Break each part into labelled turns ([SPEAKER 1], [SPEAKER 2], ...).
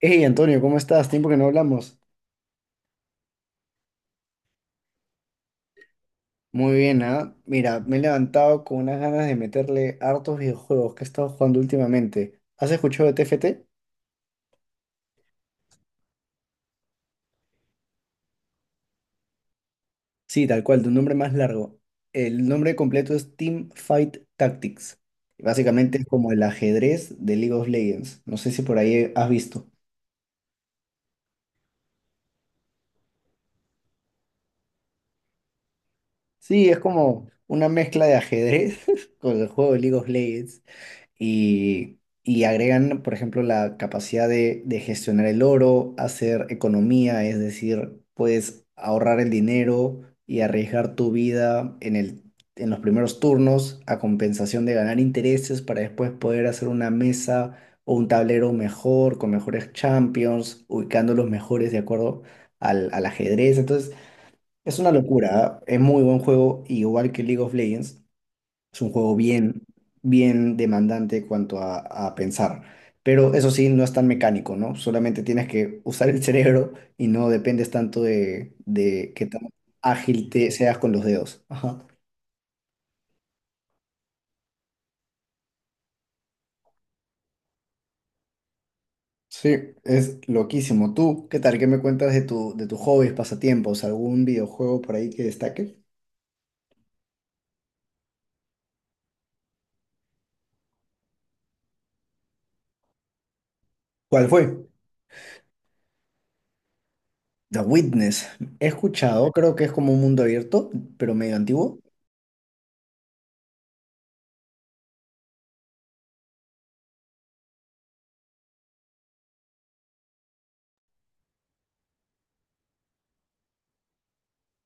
[SPEAKER 1] Hey Antonio, ¿cómo estás? Tiempo que no hablamos. Muy bien, ¿ah? Mira, me he levantado con unas ganas de meterle hartos videojuegos que he estado jugando últimamente. ¿Has escuchado de TFT? Sí, tal cual, de un nombre más largo. El nombre completo es Team Fight Tactics. Básicamente es como el ajedrez de League of Legends. No sé si por ahí has visto. Sí, es como una mezcla de ajedrez con el juego de League of Legends. Y agregan, por ejemplo, la capacidad de gestionar el oro, hacer economía, es decir, puedes ahorrar el dinero y arriesgar tu vida en los primeros turnos a compensación de ganar intereses para después poder hacer una mesa o un tablero mejor, con mejores champions, ubicando los mejores de acuerdo al ajedrez. Entonces, es una locura, ¿ah? Es muy buen juego, igual que League of Legends. Es un juego bien demandante cuanto a pensar. Pero eso sí, no es tan mecánico, ¿no? Solamente tienes que usar el cerebro y no dependes tanto de qué tan ágil te seas con los dedos. Ajá. Sí, es loquísimo. ¿Tú qué tal? ¿Qué me cuentas de de tus hobbies, pasatiempos? ¿Algún videojuego por ahí que destaque? ¿Cuál fue? The Witness. He escuchado, creo que es como un mundo abierto, pero medio antiguo.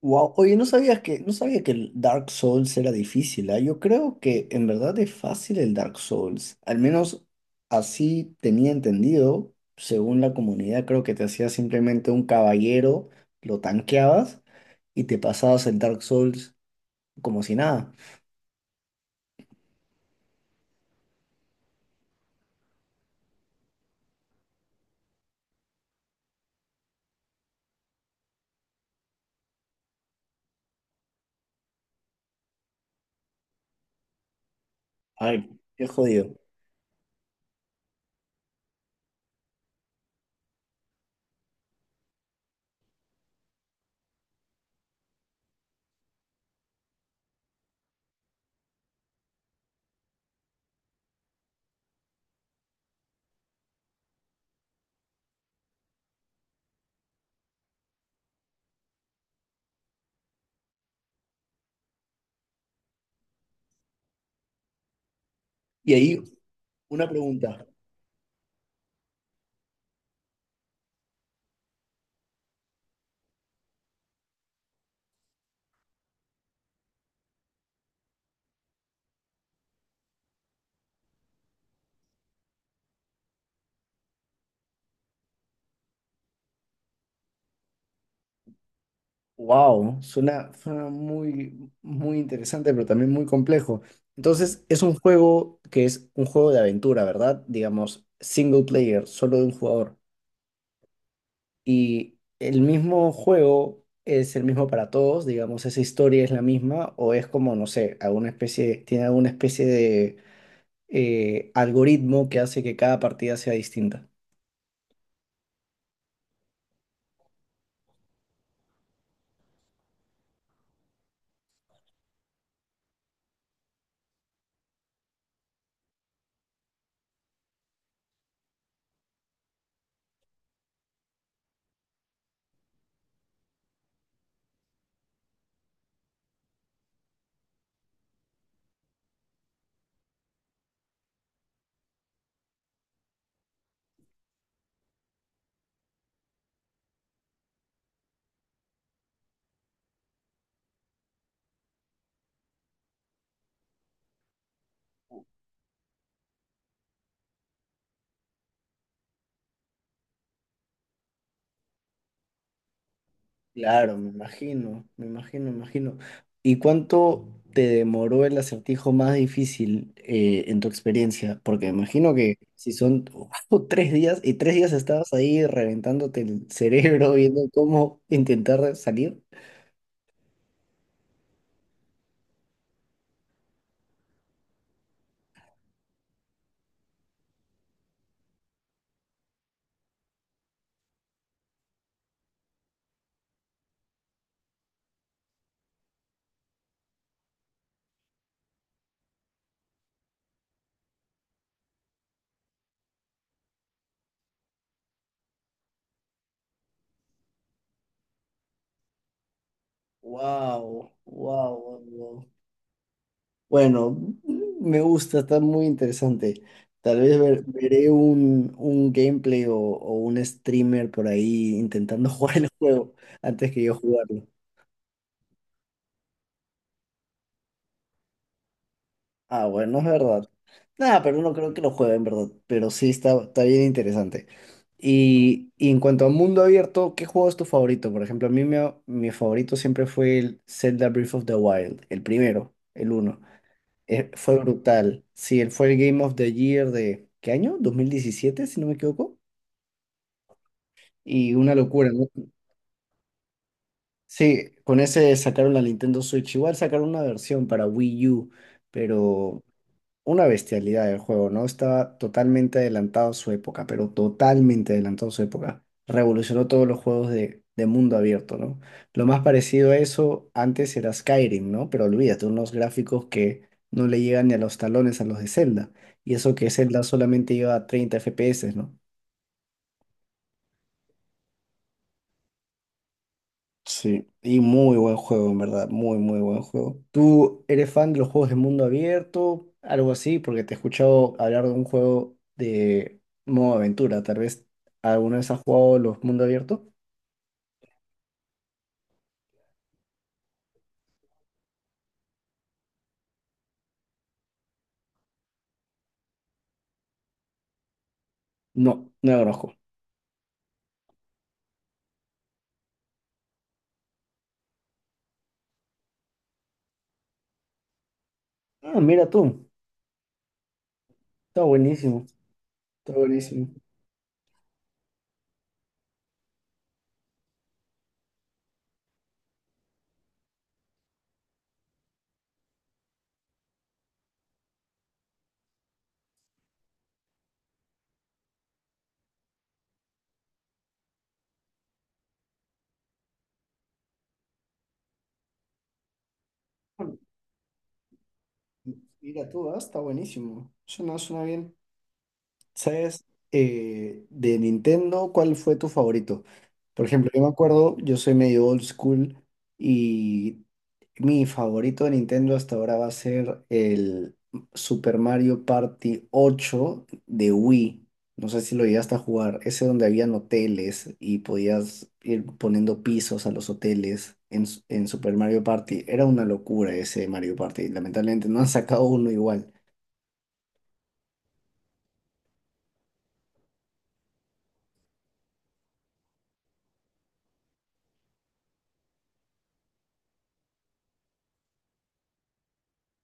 [SPEAKER 1] Wow, oye, no sabía que el Dark Souls era difícil, ¿ah? Yo creo que en verdad es fácil el Dark Souls, al menos así tenía entendido, según la comunidad, creo que te hacías simplemente un caballero, lo tanqueabas y te pasabas el Dark Souls como si nada. Ay, qué jodido. Y ahí, una pregunta. Wow, suena, suena muy, muy interesante, pero también muy complejo. Entonces, es un juego que es un juego de aventura, ¿verdad? Digamos, single player, solo de un jugador. Y el mismo juego es el mismo para todos, digamos, esa historia es la misma, o es como, no sé, alguna especie, tiene alguna especie de algoritmo que hace que cada partida sea distinta. Claro, me imagino, me imagino, me imagino. ¿Y cuánto te demoró el acertijo más difícil en tu experiencia? Porque me imagino que si son tres días y tres días estabas ahí reventándote el cerebro viendo cómo intentar salir. Wow, wow, wow. Bueno, me gusta, está muy interesante. Tal vez veré un gameplay o un streamer por ahí intentando jugar el juego antes que yo jugarlo. Ah, bueno, es verdad. Nada, pero no creo que lo juegue, en verdad. Pero sí está bien interesante. Y en cuanto a mundo abierto, ¿qué juego es tu favorito? Por ejemplo, mi favorito siempre fue el Zelda Breath of the Wild, el primero, el uno. Fue brutal. Sí, él fue el Game of the Year de, ¿qué año? 2017, si no me equivoco. Y una locura, ¿no? Sí, con ese sacaron la Nintendo Switch. Igual sacaron una versión para Wii U, pero una bestialidad del juego, ¿no? Estaba totalmente adelantado a su época, pero totalmente adelantado a su época. Revolucionó todos los juegos de mundo abierto, ¿no? Lo más parecido a eso antes era Skyrim, ¿no? Pero olvídate, unos gráficos que no le llegan ni a los talones a los de Zelda. Y eso que Zelda solamente iba a 30 FPS, ¿no? Sí, y muy buen juego, en verdad, muy, muy buen juego. ¿Tú eres fan de los juegos de mundo abierto? Algo así, porque te he escuchado hablar de un juego de modo aventura. Tal vez alguna vez has jugado los mundo abierto. No, no lo conozco. Ah, mira tú, está buenísimo, está buenísimo. Bueno, mira tú, ah, está buenísimo. Suena, suena bien. ¿Sabes, de Nintendo, cuál fue tu favorito? Por ejemplo, yo me acuerdo, yo soy medio old school y mi favorito de Nintendo hasta ahora va a ser el Super Mario Party 8 de Wii. No sé si lo llegaste a jugar. Ese donde habían hoteles y podías ir poniendo pisos a los hoteles en Super Mario Party. Era una locura ese Mario Party. Lamentablemente no han sacado uno igual.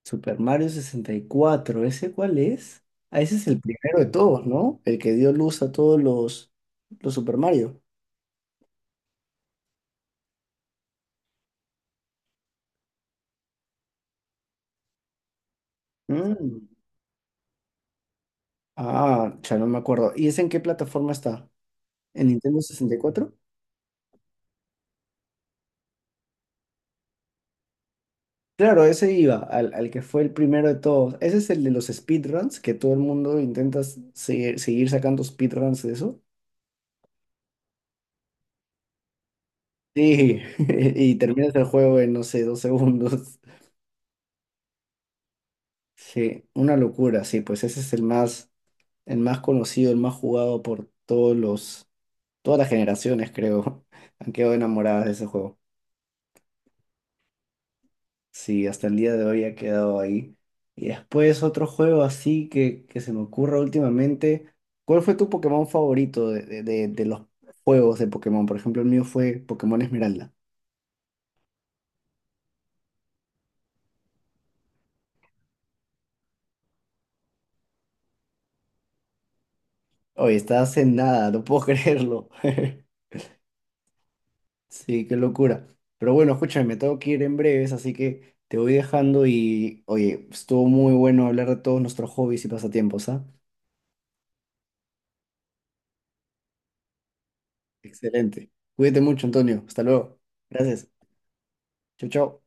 [SPEAKER 1] Super Mario 64, ¿ese cuál es? Ah, ese es el primero de todos, ¿no? El que dio luz a todos los Super Mario. Mm. Ah, ya no me acuerdo. ¿Y ese en qué plataforma está? ¿En Nintendo 64? Claro, ese iba, al que fue el primero de todos. Ese es el de los speedruns, que todo el mundo intenta seguir, sacando speedruns de eso. Sí, y terminas el juego en, no sé, dos segundos. Sí, una locura, sí, pues ese es el más conocido, el más jugado por todos los, todas las generaciones, creo, han quedado enamoradas de ese juego. Sí, hasta el día de hoy ha quedado ahí. Y después otro juego así que se me ocurra últimamente. ¿Cuál fue tu Pokémon favorito de los juegos de Pokémon? Por ejemplo, el mío fue Pokémon Esmeralda. Oye, estás en nada, no puedo creerlo. Sí, qué locura. Pero bueno, escúchame, me tengo que ir en breves, así que te voy dejando y, oye, estuvo muy bueno hablar de todos nuestros hobbies y pasatiempos, ¿ah? Excelente. Cuídate mucho, Antonio. Hasta luego. Gracias. Chau, chau.